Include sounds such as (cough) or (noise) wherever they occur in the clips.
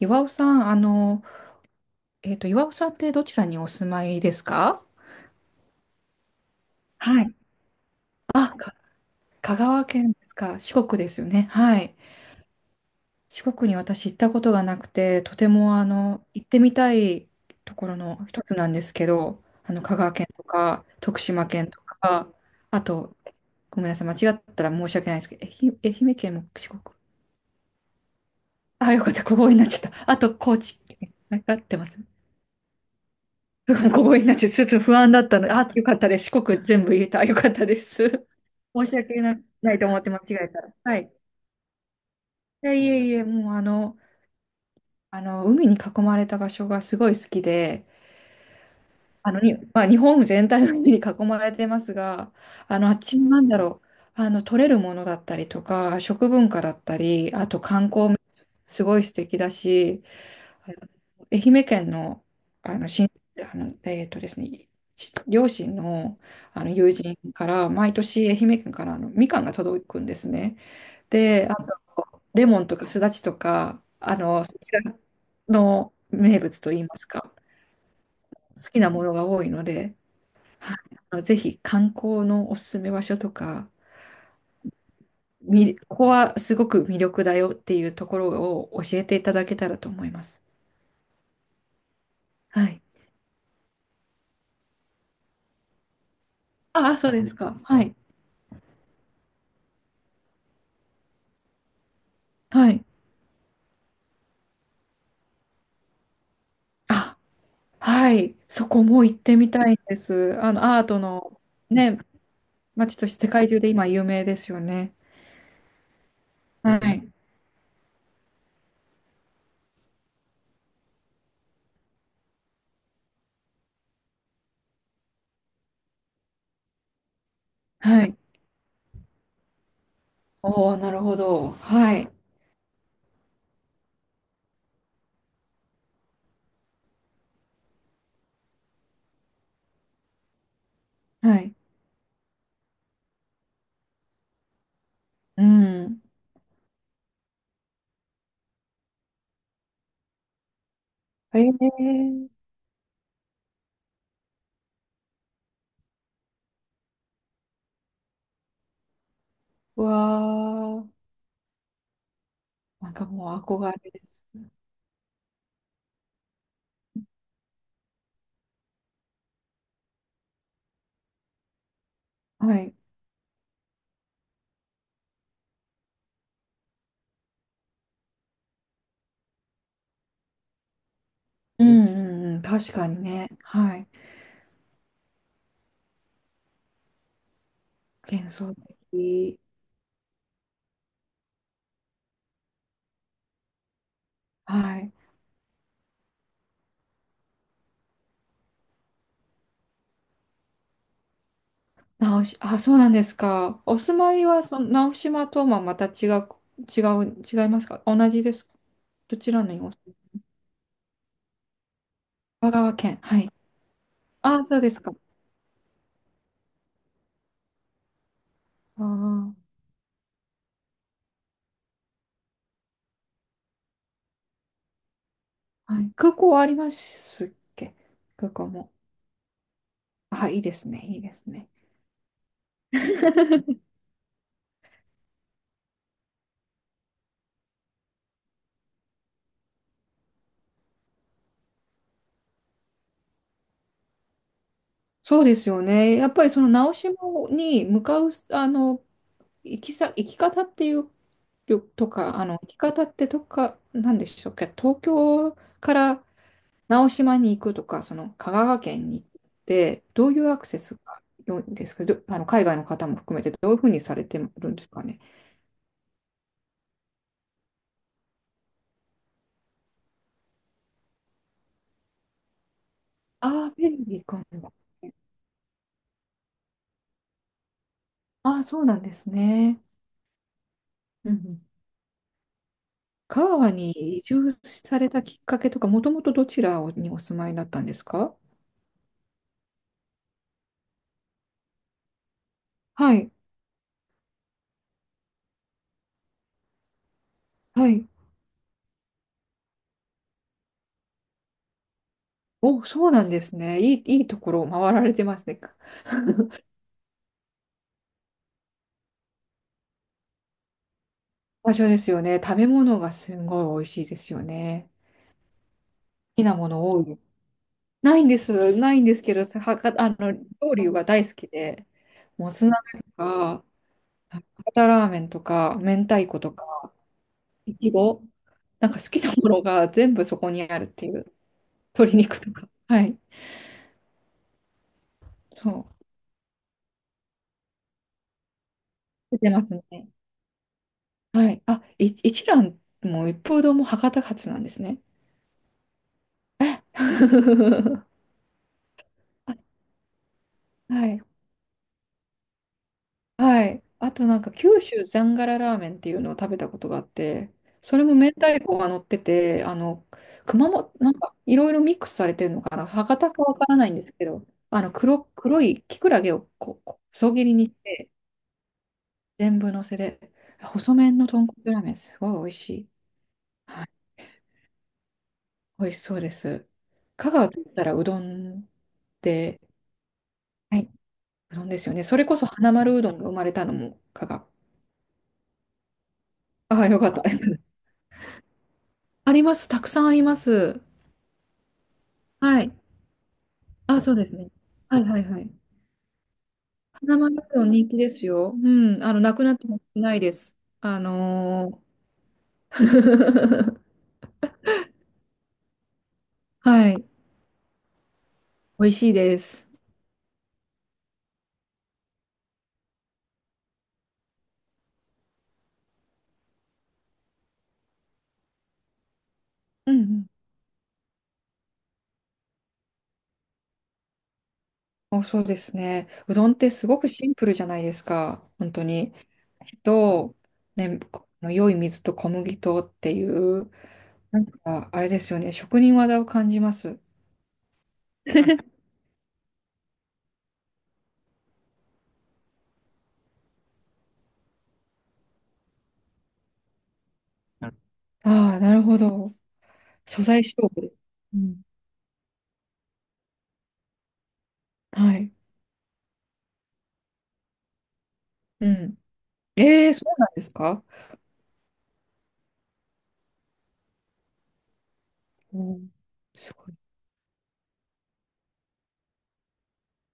岩尾さん、岩尾さんってどちらにお住まいですか？はい。あ、か香川県ですか？四国ですよね。はい。四国に私行ったことがなくて、とても行ってみたいところの一つなんですけど、あの、香川県とか、徳島県とか、あと、ごめんなさい、間違ったら申し訳ないですけど、愛媛県も四国。あ、よかった、ここになっちゃった。あと、高知県。わかってます。(laughs) ここになってちょっと不安だったので、あ、よかったです。四国全部言えた。よかったです。申し訳な、ないと思って間違えたら。はい。いえいえ、もうあの、あの、海に囲まれた場所がすごい好きで、まあ、日本全体の海に囲まれてますが、あの、あっちの取れるものだったりとか、食文化だったり、あと観光、すごい素敵だし、あの愛媛県の、あの、親あの、えーとですね、ち両親の、あの友人から毎年愛媛県からあのみかんが届くんですね。で、あとレモンとかすだちとかあのそちらの名物といいますか、好きなものが多いので、はい、あのぜひ観光のおすすめ場所とか、ここはすごく魅力だよっていうところを教えていただけたらと思います。はい、ああ、そうですか。はい。はい。あ、はい。そこも行ってみたいんです。あの、アートのね、街として世界中で今有名ですよね。はい。はい。おー、なるほど。はい。はい。うん。えー、わー。なんかもう憧れです。はい。うんうんうん。確かにね。はい。幻想的。はい。あ、そうなんですか。お住まいは、その、直島とはまた違う、違う、違いますか？同じですか？どちらのにお住まい？香川県。はい。ああ、そうですか。ああ、はい。空港はありますっけ？空港も。あ、いいですね。いいですね。(laughs) そうですよね。やっぱりその直島に向かう、あの、行き方っていう、とか、あの、行き方ってとか、なんでしょうか、東京から直島に行くとか、その香川県に行って、どういうアクセスが良いんですか、あの、海外の方も含めて、どういうふうにされてるんですかね。ああ、便利かも。ああ、そうなんですね。うんうん。香川に移住されたきっかけとか、もともとどちらにお住まいだったんですか？はい、はい。お、そうなんですね。いいところを回られてますね。場所ですよね。食べ物がすごい美味しいですよね。好きなもの多いです。ないんです。ないんですけど、はか、あの、料理が大好きで、もつ鍋とか、博多ラーメンとか、明太子とか、いちご、なんか好きなものが全部そこにあるっていう。鶏肉とか。はい。そう。出てますね。はい。一蘭も一風堂も博多発なんですね。え (laughs) あはい。はい。あとなんか九州ザンガララーメンっていうのを食べたことがあって、それも明太子が乗ってて、あの、熊本、なんかいろいろミックスされてるのかな。博多かわからないんですけど、黒いキクラゲをこう、こう細切りにして、全部乗せで、細麺の豚骨ラーメン、すごい美味しい。美味しそうです。香川といったらうどんって、はい、うどんですよね。それこそ花丸うどんが生まれたのも香川。ああ、よかった。(laughs) あります。たくさんあります。はい。あ、そうですね。はいはいはい。花丸うどん人気ですよ。うん。あの、なくなってもないです。あのーはい。美味しいです。うんうん。お、そうですね。うどんってすごくシンプルじゃないですか。本当に。と、ね、この良い水と小麦とっていう、なんか、あれですよね。職人技を感じます。(laughs) ああ、なるほど。素材勝負です。うん。はい。うん。ええ、そうなんですか？うん。すごい。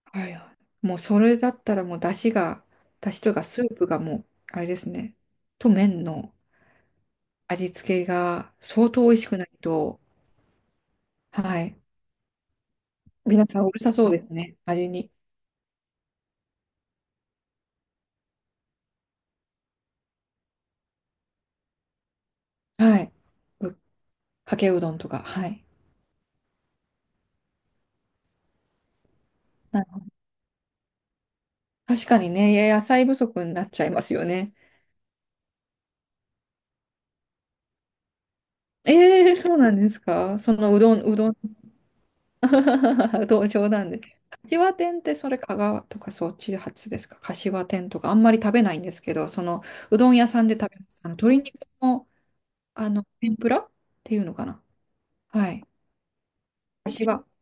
はいはい。もうそれだったらもう出汁が、出汁というかスープがもう、あれですね。と麺の味付けが相当美味しくないと、はい。皆さんうるさそうですね。味に。はい。う、かけうどんとか。はい。な、確かにね、野菜不足になっちゃいますよね。ええ、そうなんですか？そのうどん、うどん、(laughs) うどん冗談で。柏天ってそれ香川とかそっち発ですか？柏天とかあんまり食べないんですけど、そのうどん屋さんで食べます。あの鶏肉の、あの天ぷらっていうのかな？はい。柏、んす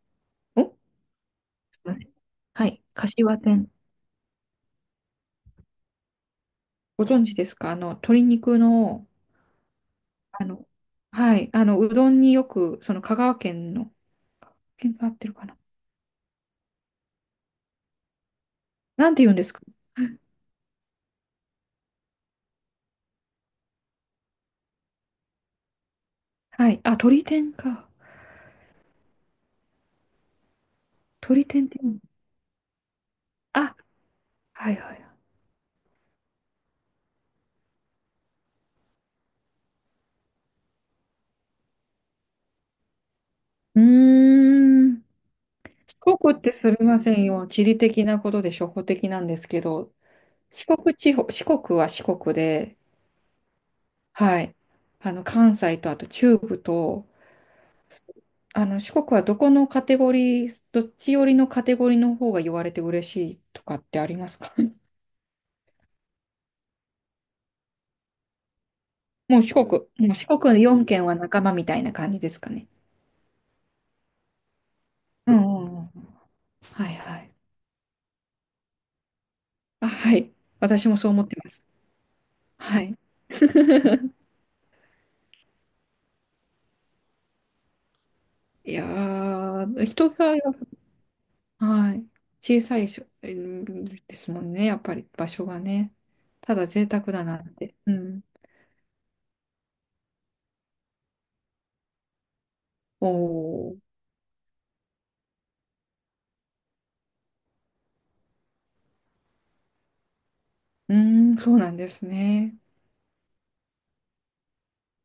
いません。はい。柏天。ご存知ですか？あの鶏肉の、あの、はい。あのうどんによく、その香川県の、県が合ってるかな？なんて言うんですか？はい。あ、鶏天か。鶏天って言うの。あ、はいはい。うーん。四国ってすみませんよ。地理的なことで初歩的なんですけど、四国地方、四国は四国で、はい。あの、関西とあと中部と、あの、四国はどこのカテゴリー、どっち寄りのカテゴリーの方が言われて嬉しいとかってありますか？ (laughs) もう四国、もう四国4県は仲間みたいな感じですかね。うんうんうん。はいはい。あ、はい。私もそう思ってます。はい。いやー、人が、はい。小さいしょ、えーですもんね。やっぱり場所がね。ただ贅沢だなって。うん。おー。うーん、そうなんですね。